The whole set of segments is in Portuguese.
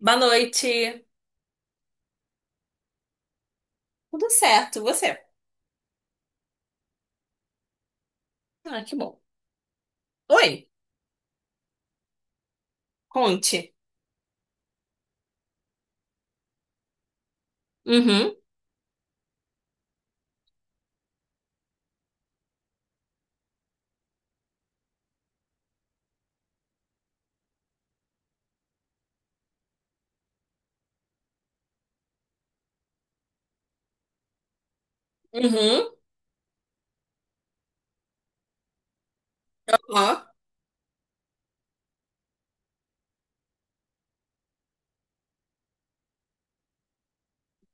Boa noite. Tudo certo, você? Ah, que bom. Oi, conte. Uhum, uhum, ó,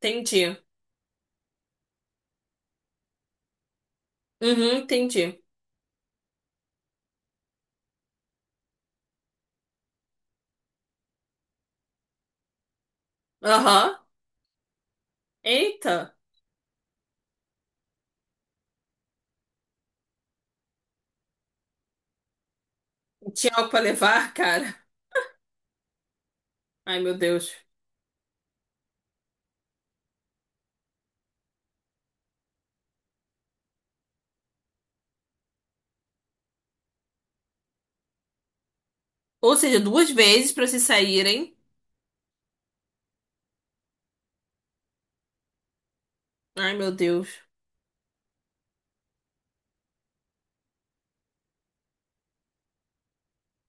entendi. Uhum, entendi. Aham. Eita, tinha algo pra levar, cara. Ai, meu Deus. Ou seja, duas vezes pra se saírem. Ai, meu Deus.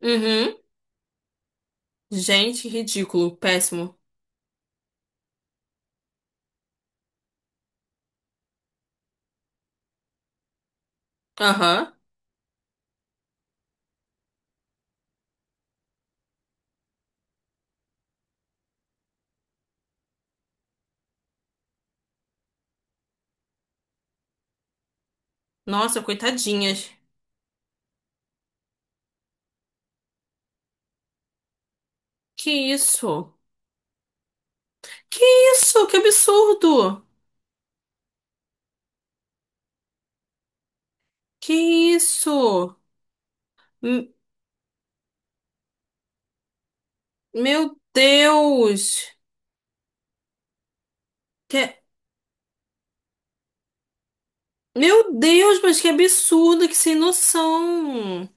Uhum. Gente, ridículo, péssimo. Aham. Nossa, coitadinhas. Que isso? Que isso? Que absurdo! Que isso? M- Meu Deus! Que... Meu Deus, mas que absurdo, que sem noção.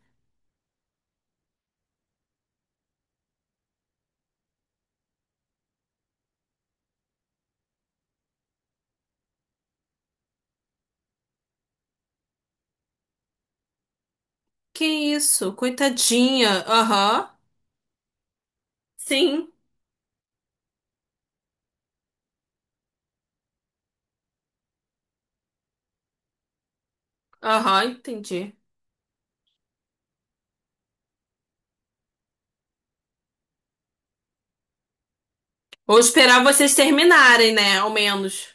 Que isso, coitadinha. Aham, sim, aham, entendi. Vou esperar vocês terminarem, né? Ao menos.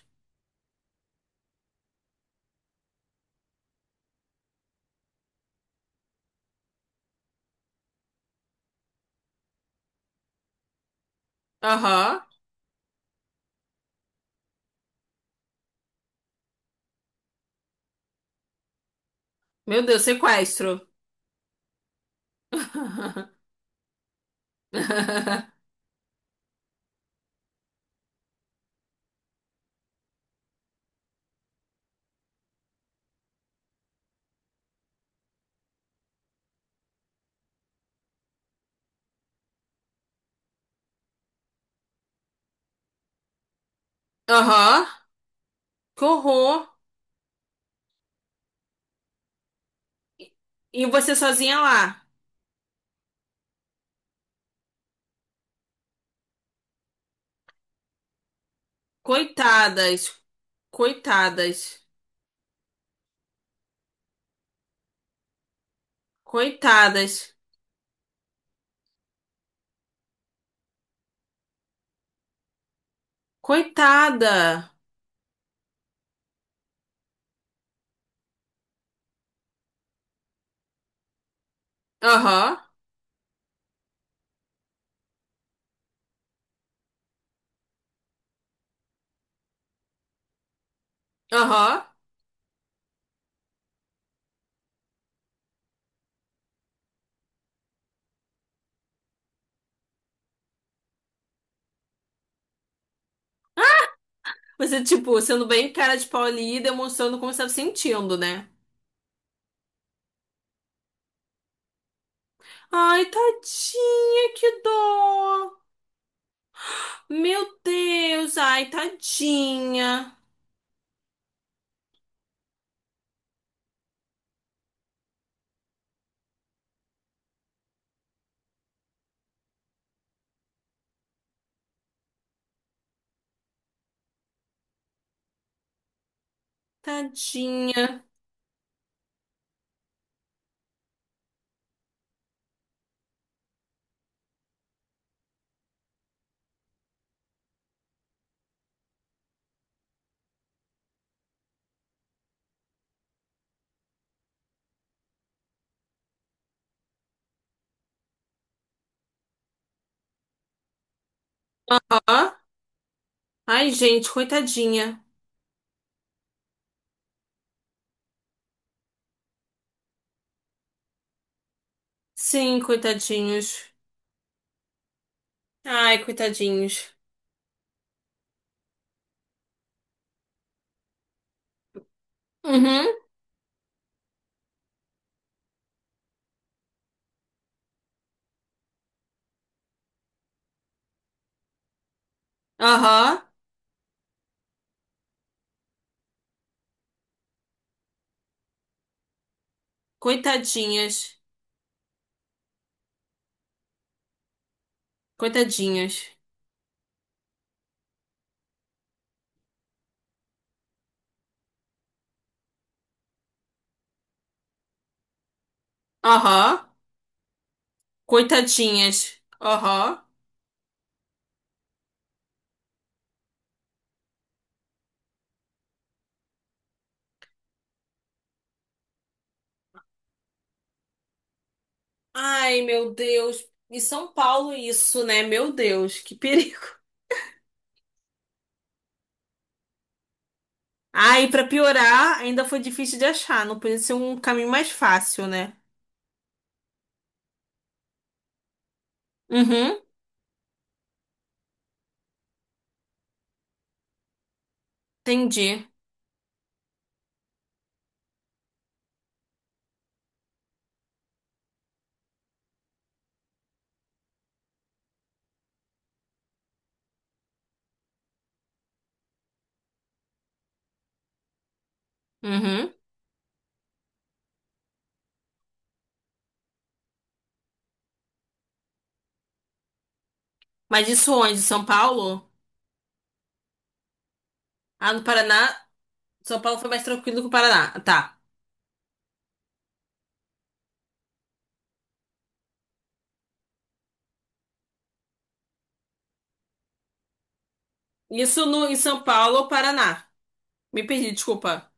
Aham, meu Deus, sequestro. Aham, que horror. E você sozinha lá. Coitadas, coitadas, coitadas, coitada. Aham, aham. Você, tipo, sendo bem cara de pau ali e demonstrando como você tava sentindo, né? Ai, tadinha, que dó! Meu Deus, ai, tadinha, tadinha. Ó, ai, gente, coitadinha. Sim, coitadinhos. Ai, coitadinhos. Uhum, aham, coitadinhas, coitadinhas. Aham, coitadinhas, aham. Ai, meu Deus. Em São Paulo, isso, né? Meu Deus, que perigo. Ah, e pra piorar, ainda foi difícil de achar. Não podia ser um caminho mais fácil, né? Uhum, entendi. Uhum. Mas isso onde? São Paulo? Ah, no Paraná. São Paulo foi mais tranquilo que o Paraná. Tá. Isso no, em São Paulo ou Paraná? Me perdi, desculpa.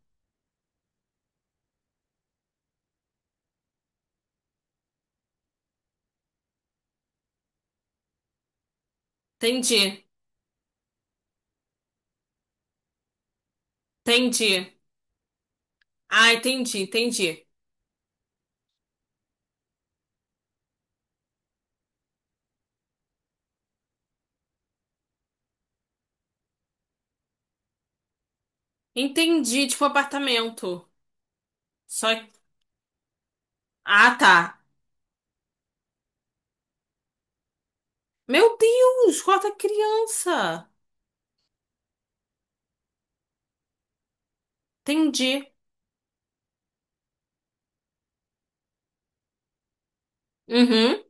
Entendi. Entendi. Ah, entendi, entendi. Entendi, tipo apartamento. Só. Ah, tá. Meu Deus, quarta criança. Entendi. Uhum,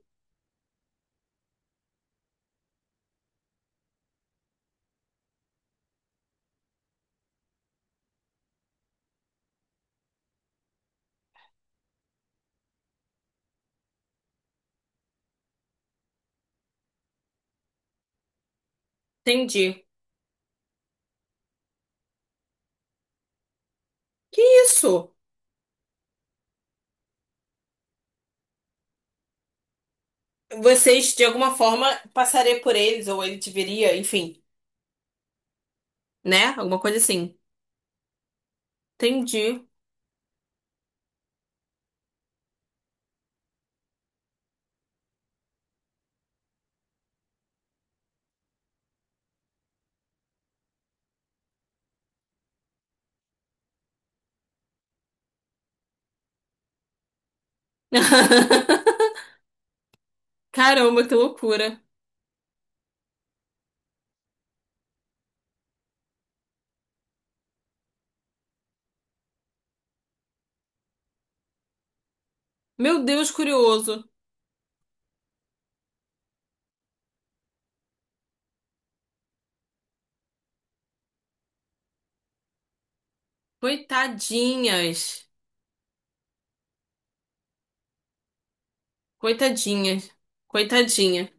entendi. Que isso? Vocês, de alguma forma, passaria por eles, ou ele te veria, enfim, né? Alguma coisa assim. Entendi. Caramba, que loucura. Meu Deus, curioso. Coitadinhas. Coitadinhas. Coitadinha.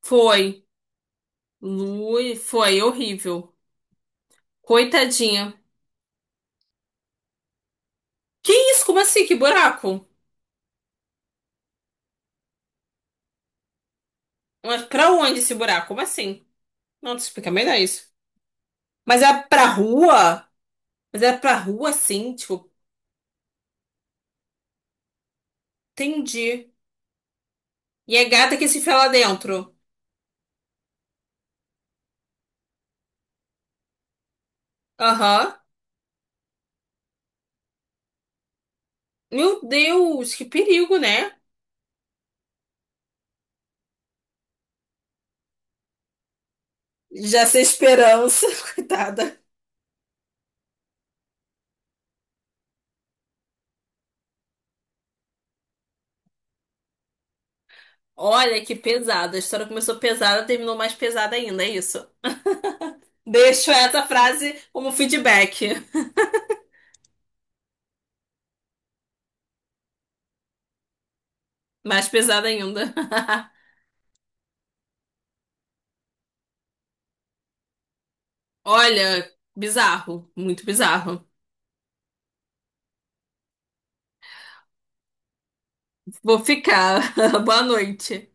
Foi. Lui, foi horrível. Coitadinha. Que isso? Como assim? Que buraco? Mas pra onde esse buraco? Como assim? Não, te explica melhor isso. Mas é pra rua? Mas é pra rua, sim, tipo, entendi. E é gata que se enfia lá dentro. Aham. Meu Deus, que perigo, né? Já sem esperança, coitada. Olha que pesada. A história começou pesada, terminou mais pesada ainda, é isso. Deixo essa frase como feedback. Mais pesada ainda. Olha, bizarro, muito bizarro. Vou ficar. Boa noite.